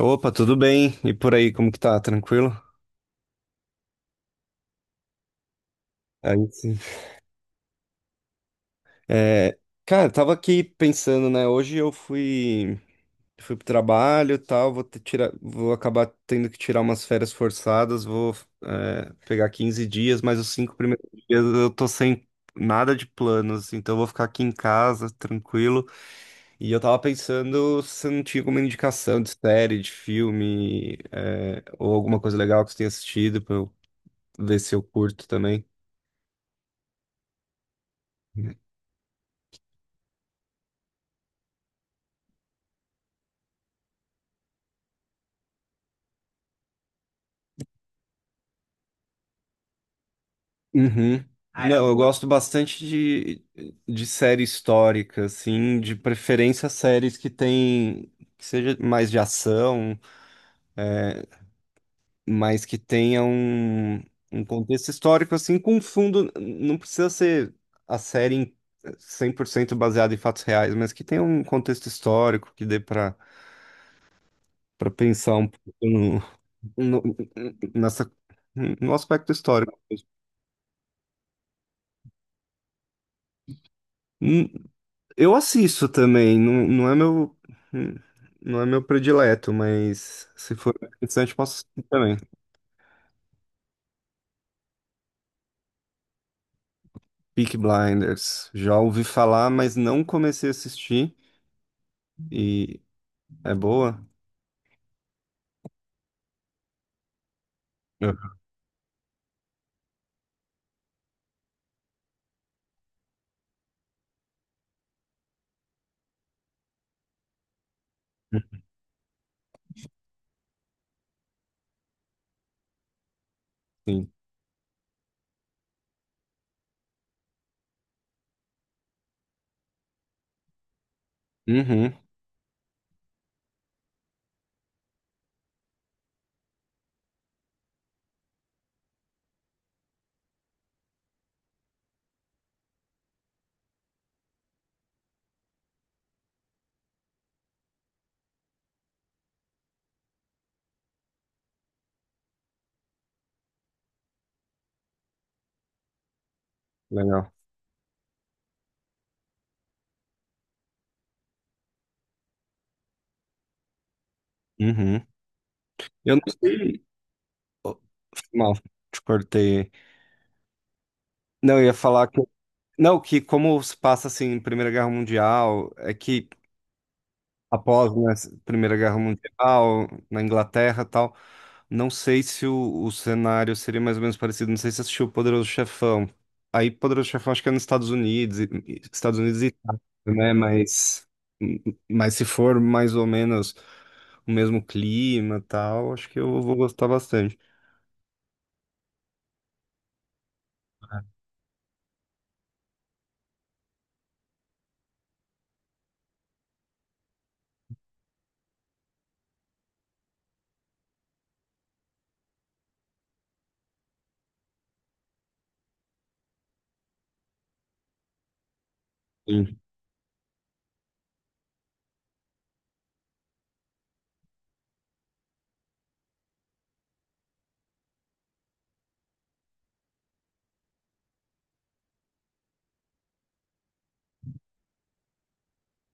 Opa, tudo bem? E por aí, como que tá? Tranquilo? Aí sim. É, cara, eu tava aqui pensando, né? Hoje eu fui, fui pro trabalho e tal, vou ter, tirar, vou acabar tendo que tirar umas férias forçadas, pegar 15 dias, mas os cinco primeiros dias eu tô sem nada de planos, então eu vou ficar aqui em casa, tranquilo. E eu tava pensando se não tinha alguma indicação de série, de filme, ou alguma coisa legal que você tenha assistido pra eu ver se eu curto também. Uhum. Aí eu. Não, eu gosto bastante de série histórica, assim, de preferência séries que tem, que seja mais de ação, é, mas que tenha um, um contexto histórico, assim, com fundo, não precisa ser a série 100% baseada em fatos reais, mas que tenha um contexto histórico que dê para para pensar um pouco no- nessa, no aspecto histórico. Hum, Eu assisto também, não é meu, não é meu predileto, mas se for interessante, posso assistir também. Peaky Blinders, já ouvi falar, mas não comecei a assistir, e. É boa? Uhum. Sim. Uhum, legal. Uhum. Eu não sei. Oh, mal, te cortei. Não, eu ia falar que. Não, que como se passa assim, Primeira Guerra Mundial, é que após, né, a Primeira Guerra Mundial, na Inglaterra e tal. Não sei se o, o cenário seria mais ou menos parecido. Não sei se você assistiu o Poderoso Chefão. Aí, Poderoso Chefão, acho que é nos Estados Unidos, Estados Unidos e Itália, né? Mas se for mais ou menos o mesmo clima e tal, acho que eu vou gostar bastante. Sim.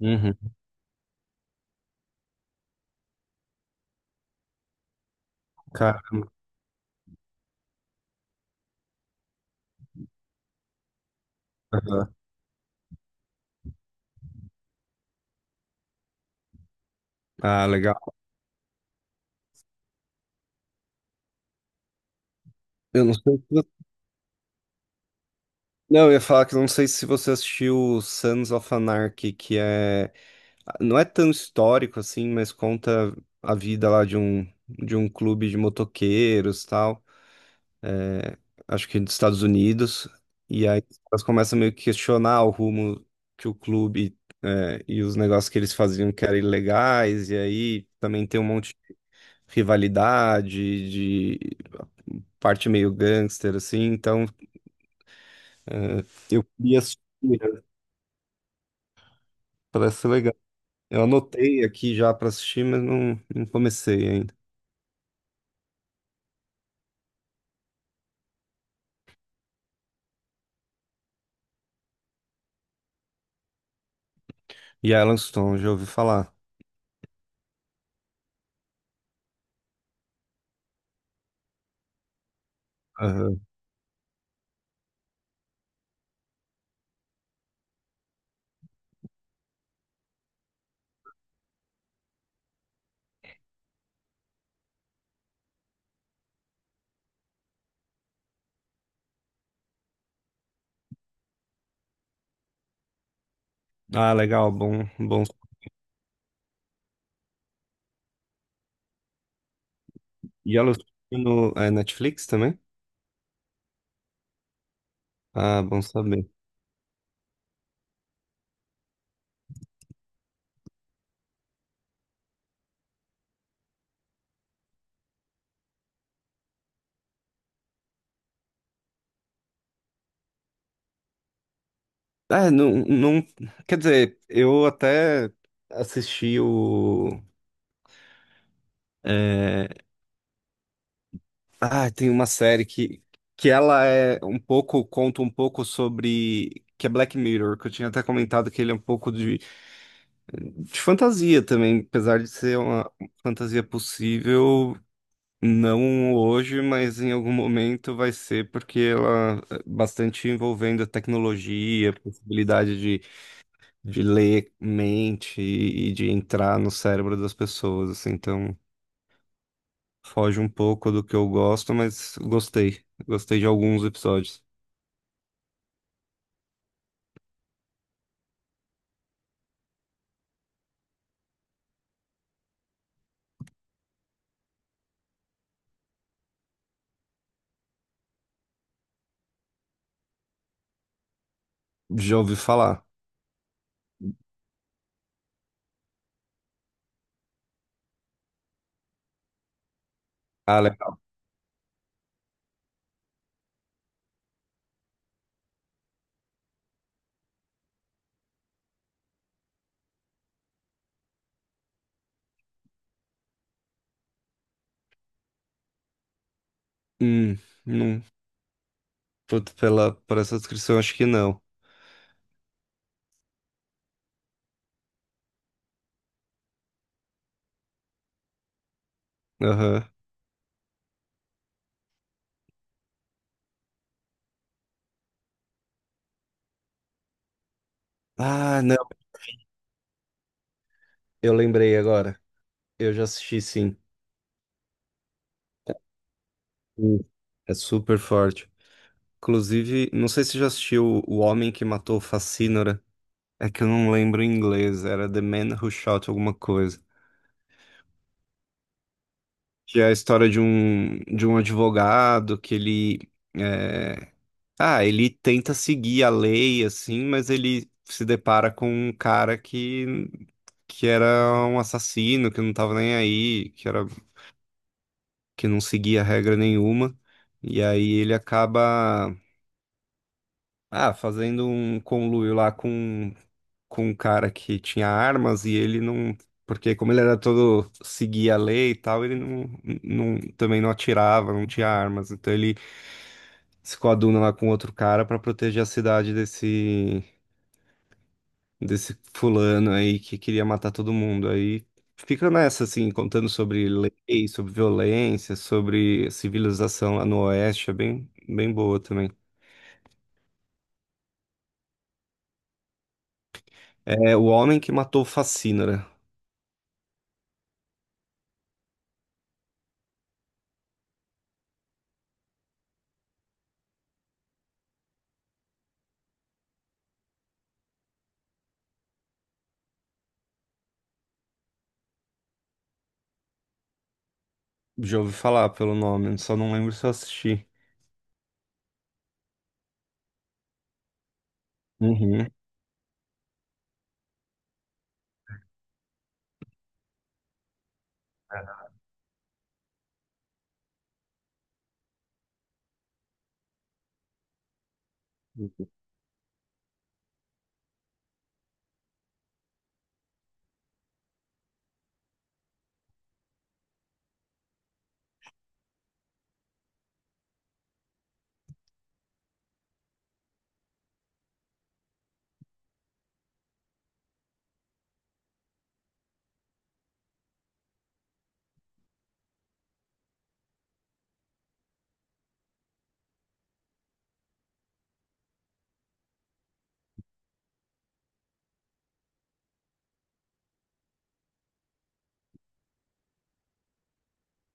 Uhum. Cara, aham. Ah, legal. Eu não sei se... Não, eu ia falar que eu não sei se você assistiu Sons of Anarchy, que é. Não é tão histórico assim, mas conta a vida lá de um clube de motoqueiros, tal, acho que dos Estados Unidos. E aí elas começam meio que questionar o rumo que o clube, né, e os negócios que eles faziam que eram ilegais. E aí também tem um monte de rivalidade, de parte meio gangster, assim. Então eu queria assistir, né? Parece ser legal. Eu anotei aqui já pra assistir, mas não, não comecei ainda. E Yellowstone, já ouvi falar. Ah, legal, bom, bom. E elas no é, Netflix também? Ah, bom saber. É, não, não, quer dizer, eu até assisti o, é, ah, tem uma série que ela é um pouco, conta um pouco sobre, que é Black Mirror, que eu tinha até comentado que ele é um pouco de fantasia também, apesar de ser uma fantasia possível. Não hoje, mas em algum momento vai ser, porque ela é bastante envolvendo a tecnologia, a possibilidade de ler mente e de entrar no cérebro das pessoas, assim, então foge um pouco do que eu gosto, mas gostei. Gostei de alguns episódios. Já ouvi falar. Ah, legal. Hum, não, puto, pela, por essa descrição, acho que não. Aham. Ah, não, eu lembrei agora. Eu já assisti, sim. Hum. É super forte. Inclusive, não sei se você já assistiu O Homem que Matou Facínora. É que eu não lembro em inglês, era The Man Who Shot alguma coisa. Que é a história de um advogado que ele. é, Ah, ele tenta seguir a lei, assim, mas ele se depara com um cara que era um assassino, que não tava nem aí, que não seguia regra nenhuma. E aí ele acaba. Ah, fazendo um conluio lá com um cara que tinha armas e ele não. Porque como ele era todo seguia a lei e tal, ele não, não também não atirava, não tinha armas. Então ele se coaduna lá com outro cara pra proteger a cidade desse, desse fulano aí que queria matar todo mundo. Aí fica nessa, assim, contando sobre lei, sobre violência, sobre civilização lá no Oeste. É bem, bem boa também. É O Homem que Matou Facínora. Já ouvi falar pelo nome, só não lembro se eu assisti. Uhum.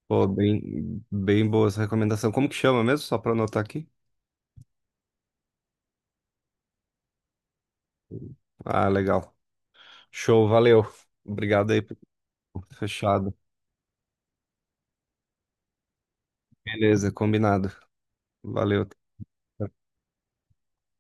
Pô, bem, bem boa essa recomendação. Como que chama mesmo? Só pra anotar aqui. Ah, legal. Show, valeu. Obrigado aí. Fechado. Beleza, combinado. Valeu.